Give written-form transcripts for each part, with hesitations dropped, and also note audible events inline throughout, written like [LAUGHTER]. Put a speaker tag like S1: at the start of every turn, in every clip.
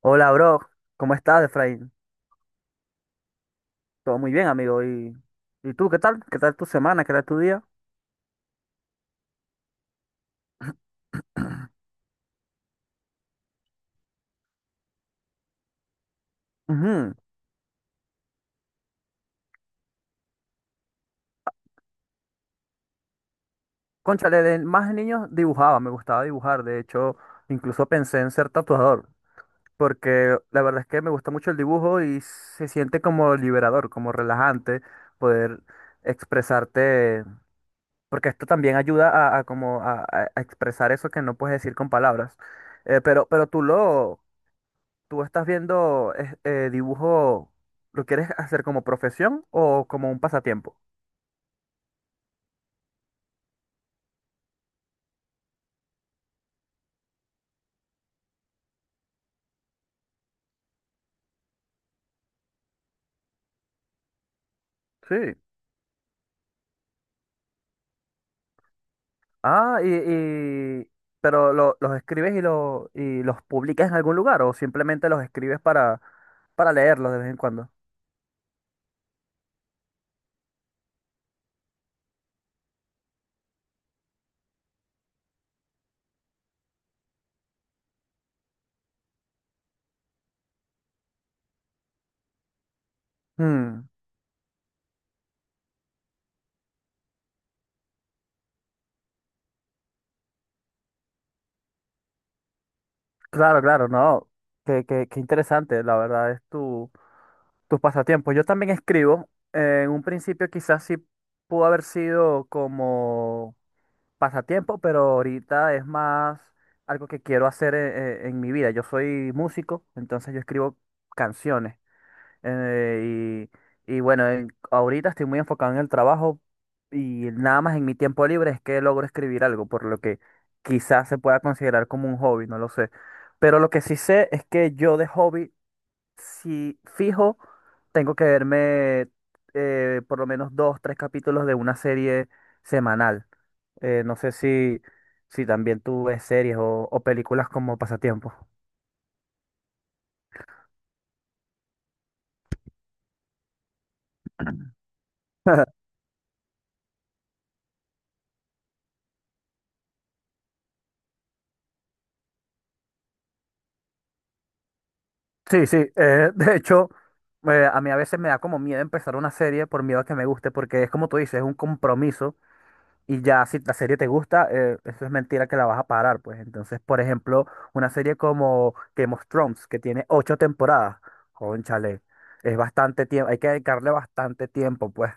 S1: Hola, bro. ¿Cómo estás, Efraín? Todo muy bien, amigo. ¿Y tú qué tal? ¿Qué tal tu semana? ¿Qué tal tu día? Ujú. Cónchale, de más niños dibujaba, me gustaba dibujar. De hecho, incluso pensé en ser tatuador, porque la verdad es que me gusta mucho el dibujo y se siente como liberador, como relajante poder expresarte, porque esto también ayuda a como a expresar eso que no puedes decir con palabras. Pero ¿Tú estás viendo dibujo, lo quieres hacer como profesión o como un pasatiempo? Sí. Ah, y, y- pero los escribes y los publicas en algún lugar o simplemente los escribes para leerlos de vez en cuando. Mm, claro, no. Qué interesante, la verdad, tus pasatiempos. Yo también escribo. En un principio quizás sí pudo haber sido como pasatiempo, pero ahorita es más algo que quiero hacer en mi vida. Yo soy músico, entonces yo escribo canciones. eh, y bueno, ahorita estoy muy enfocado en el trabajo y nada más en mi tiempo libre es que logro escribir algo, por lo que quizás se pueda considerar como un hobby, no lo sé. Pero lo que sí sé es que yo de hobby, si fijo, tengo que verme por lo menos dos, tres capítulos de una serie semanal. No sé si también tú ves series o películas como pasatiempo. Sí, sí. [LAUGHS] De hecho, a mí a veces me da como miedo empezar una serie por miedo a que me guste, porque es como tú dices, es un compromiso y ya si la serie te gusta, eso es mentira que la vas a parar, pues. Entonces, por ejemplo, una serie como Game of Thrones, que tiene ocho temporadas, cónchale, es bastante tiempo, hay que dedicarle bastante tiempo, pues.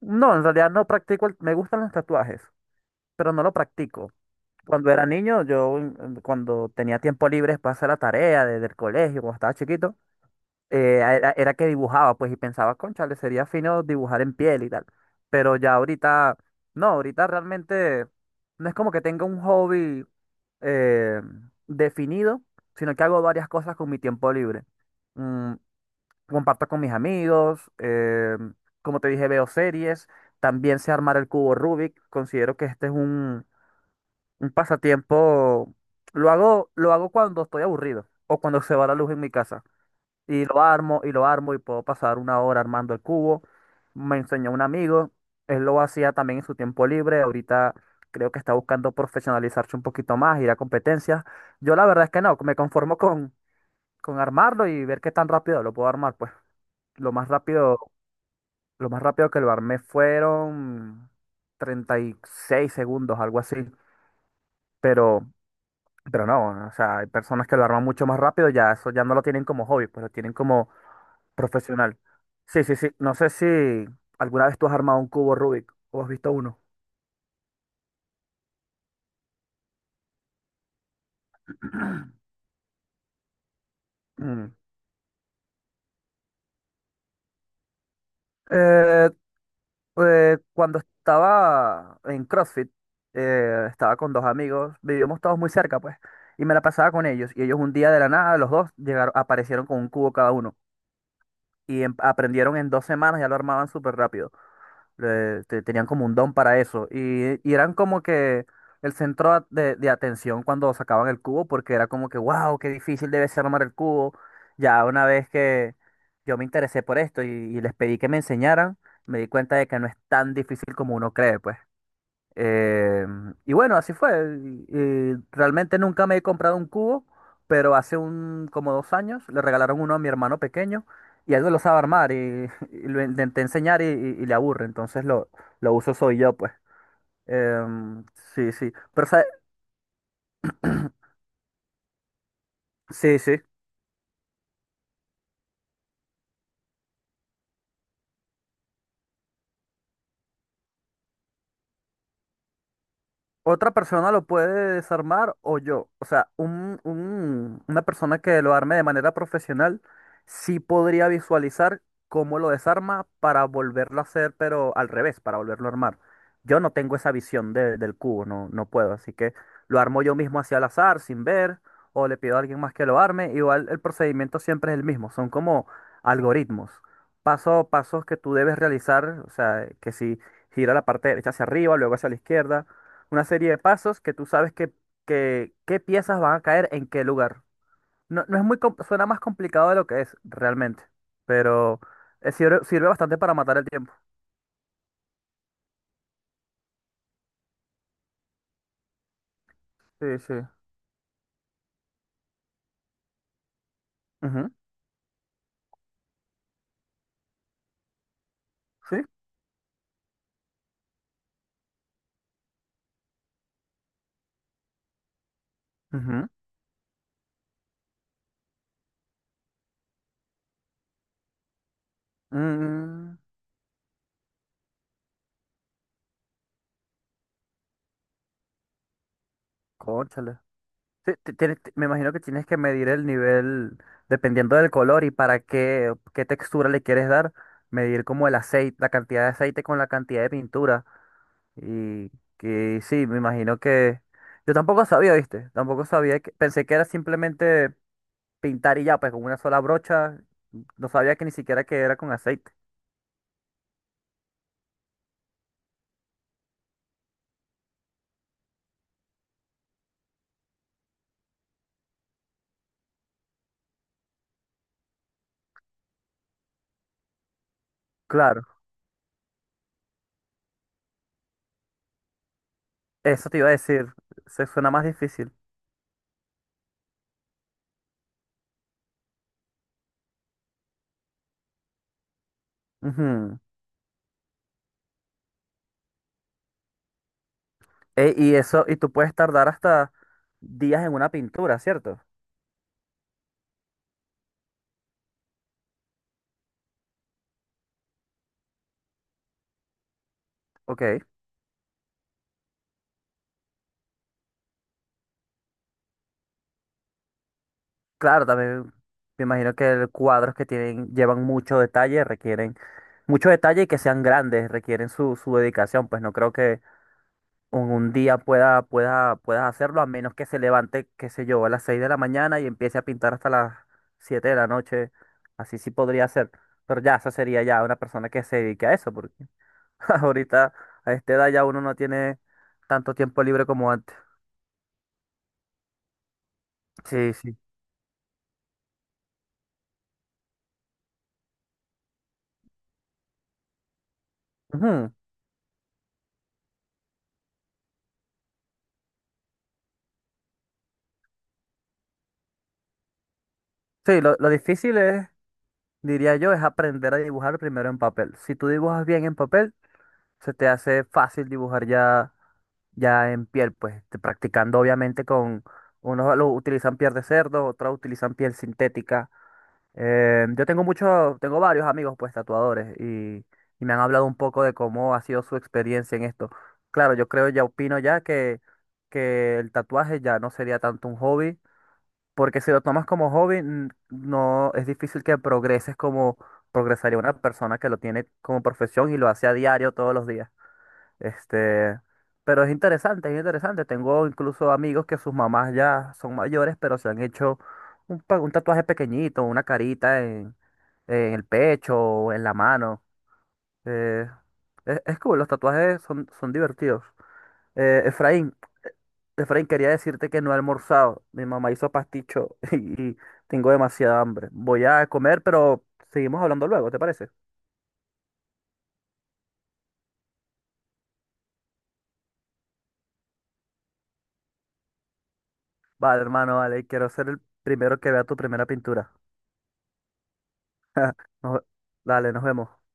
S1: No, en realidad no practico, me gustan los tatuajes, pero no lo practico. Cuando era niño, yo cuando tenía tiempo libre para hacer la tarea desde el colegio, cuando estaba chiquito, era que dibujaba, pues, y pensaba, cónchale, sería fino dibujar en piel y tal. Pero ya ahorita, no, ahorita realmente no es como que tenga un hobby eh, definido, sino que hago varias cosas con mi tiempo libre. Mm, comparto con mis amigos, como te dije, veo series, también sé armar el cubo Rubik, considero que este es un pasatiempo. Lo hago cuando estoy aburrido o cuando se va la luz en mi casa. Y lo armo y lo armo y puedo pasar una hora armando el cubo. Me enseñó un amigo, él lo hacía también en su tiempo libre. Ahorita creo que está buscando profesionalizarse un poquito más, ir a competencias. Yo la verdad es que no, me conformo con armarlo y ver qué tan rápido lo puedo armar. Pues lo más rápido, lo más rápido que lo armé fueron 36 segundos, algo así. Pero Pero no, o sea, hay personas que lo arman mucho más rápido, ya eso ya no lo tienen como hobby, pues lo tienen como profesional. Sí, sí, sí. No sé si alguna vez tú has armado un cubo Rubik o has visto uno. Mm. Eh, Cuando estaba en CrossFit, estaba con dos amigos, vivíamos todos muy cerca, pues, y me la pasaba con ellos. Y ellos un día de la nada, los dos llegaron, aparecieron con un cubo cada uno. Y aprendieron en 2 semanas, ya lo armaban súper rápido. Tenían como un don para eso. Y eran como que el centro de atención cuando sacaban el cubo, porque era como que, wow, qué difícil debe ser armar el cubo. Ya una vez que yo me interesé por esto y les pedí que me enseñaran, me di cuenta de que no es tan difícil como uno cree, pues. Eh, y bueno, así fue. Y realmente nunca me he comprado un cubo, pero hace como 2 años le regalaron uno a mi hermano pequeño y él no lo sabe armar [LAUGHS] y lo intenté enseñar y le aburre. Lo uso soy yo, pues. Em, sí, sí. Pero, ¿sabe? Sí, sí. Otra persona lo puede desarmar o yo. O sea, una persona que lo arme de manera profesional sí podría visualizar cómo lo desarma para volverlo a hacer, pero al revés, para volverlo a armar. Yo no tengo esa visión del cubo, no, no puedo. Así que lo armo yo mismo hacia al azar, sin ver, o le pido a alguien más que lo arme. Igual el procedimiento siempre es el mismo. Son como algoritmos. Pasos que tú debes realizar. O sea, que si gira la parte derecha hacia arriba, luego hacia la izquierda una serie de pasos que tú sabes qué piezas van a caer en qué lugar. No, no es muy, suena más complicado de lo que es realmente, pero sirve bastante para matar el tiempo. Sí, sí. Ujú. Sí. Ujú. Mm, cónchale. Sí, me imagino que tienes que medir el nivel, dependiendo del color y para qué textura le quieres dar, medir como el aceite, la cantidad de aceite con la cantidad de pintura. Y, que sí, me imagino que… Yo tampoco sabía, ¿viste? Tampoco sabía que… Pensé que era simplemente pintar y ya, pues con una sola brocha. No sabía que ni siquiera que era con aceite. Claro, eso te iba a decir. Se suena más difícil. Ujú. Y eso, y tú puedes tardar hasta días en una pintura, ¿cierto? Ok. Claro, también me imagino que cuadros que tienen, llevan mucho detalle, requieren mucho detalle y que sean grandes, requieren su dedicación. Pues no creo que un día puedas hacerlo, a menos que se levante, qué sé yo, a las 6 de la mañana y empiece a pintar hasta las 7 de la noche. Así sí podría ser. Pero ya, esa sería ya una persona que se dedique a eso, porque [LAUGHS] ahorita a esta edad ya uno no tiene tanto tiempo libre como antes. Sí, sí. Ujú. Sí, lo difícil es, diría yo, es aprender a dibujar primero en papel. Si tú dibujas bien en papel, se te hace fácil dibujar ya en piel, pues practicando obviamente unos lo utilizan piel de cerdo, otros utilizan piel sintética. Yo tengo muchos, tengo varios amigos pues tatuadores y me han hablado un poco de cómo ha sido su experiencia en esto. Claro, yo creo, ya opino ya que el tatuaje ya no sería tanto un hobby, porque si lo tomas como hobby, no es difícil que progreses como progresaría una persona que lo tiene como profesión y lo hace a diario todos los días. Este, pero es interesante, es interesante. Tengo incluso amigos que sus mamás ya son mayores, pero se han hecho un tatuaje pequeñito, una carita en el pecho o en la mano. Eh, es cool, los tatuajes son, son divertidos. Eh, Efraín, Efraín, quería decirte que no he almorzado. Mi mamá hizo pasticho [LAUGHS] y, tengo demasiada hambre. Voy a comer, pero seguimos hablando luego, ¿te parece? Vale, hermano, vale, quiero ser el primero que vea tu primera pintura. [LAUGHS] Nos- Dale, nos vemos.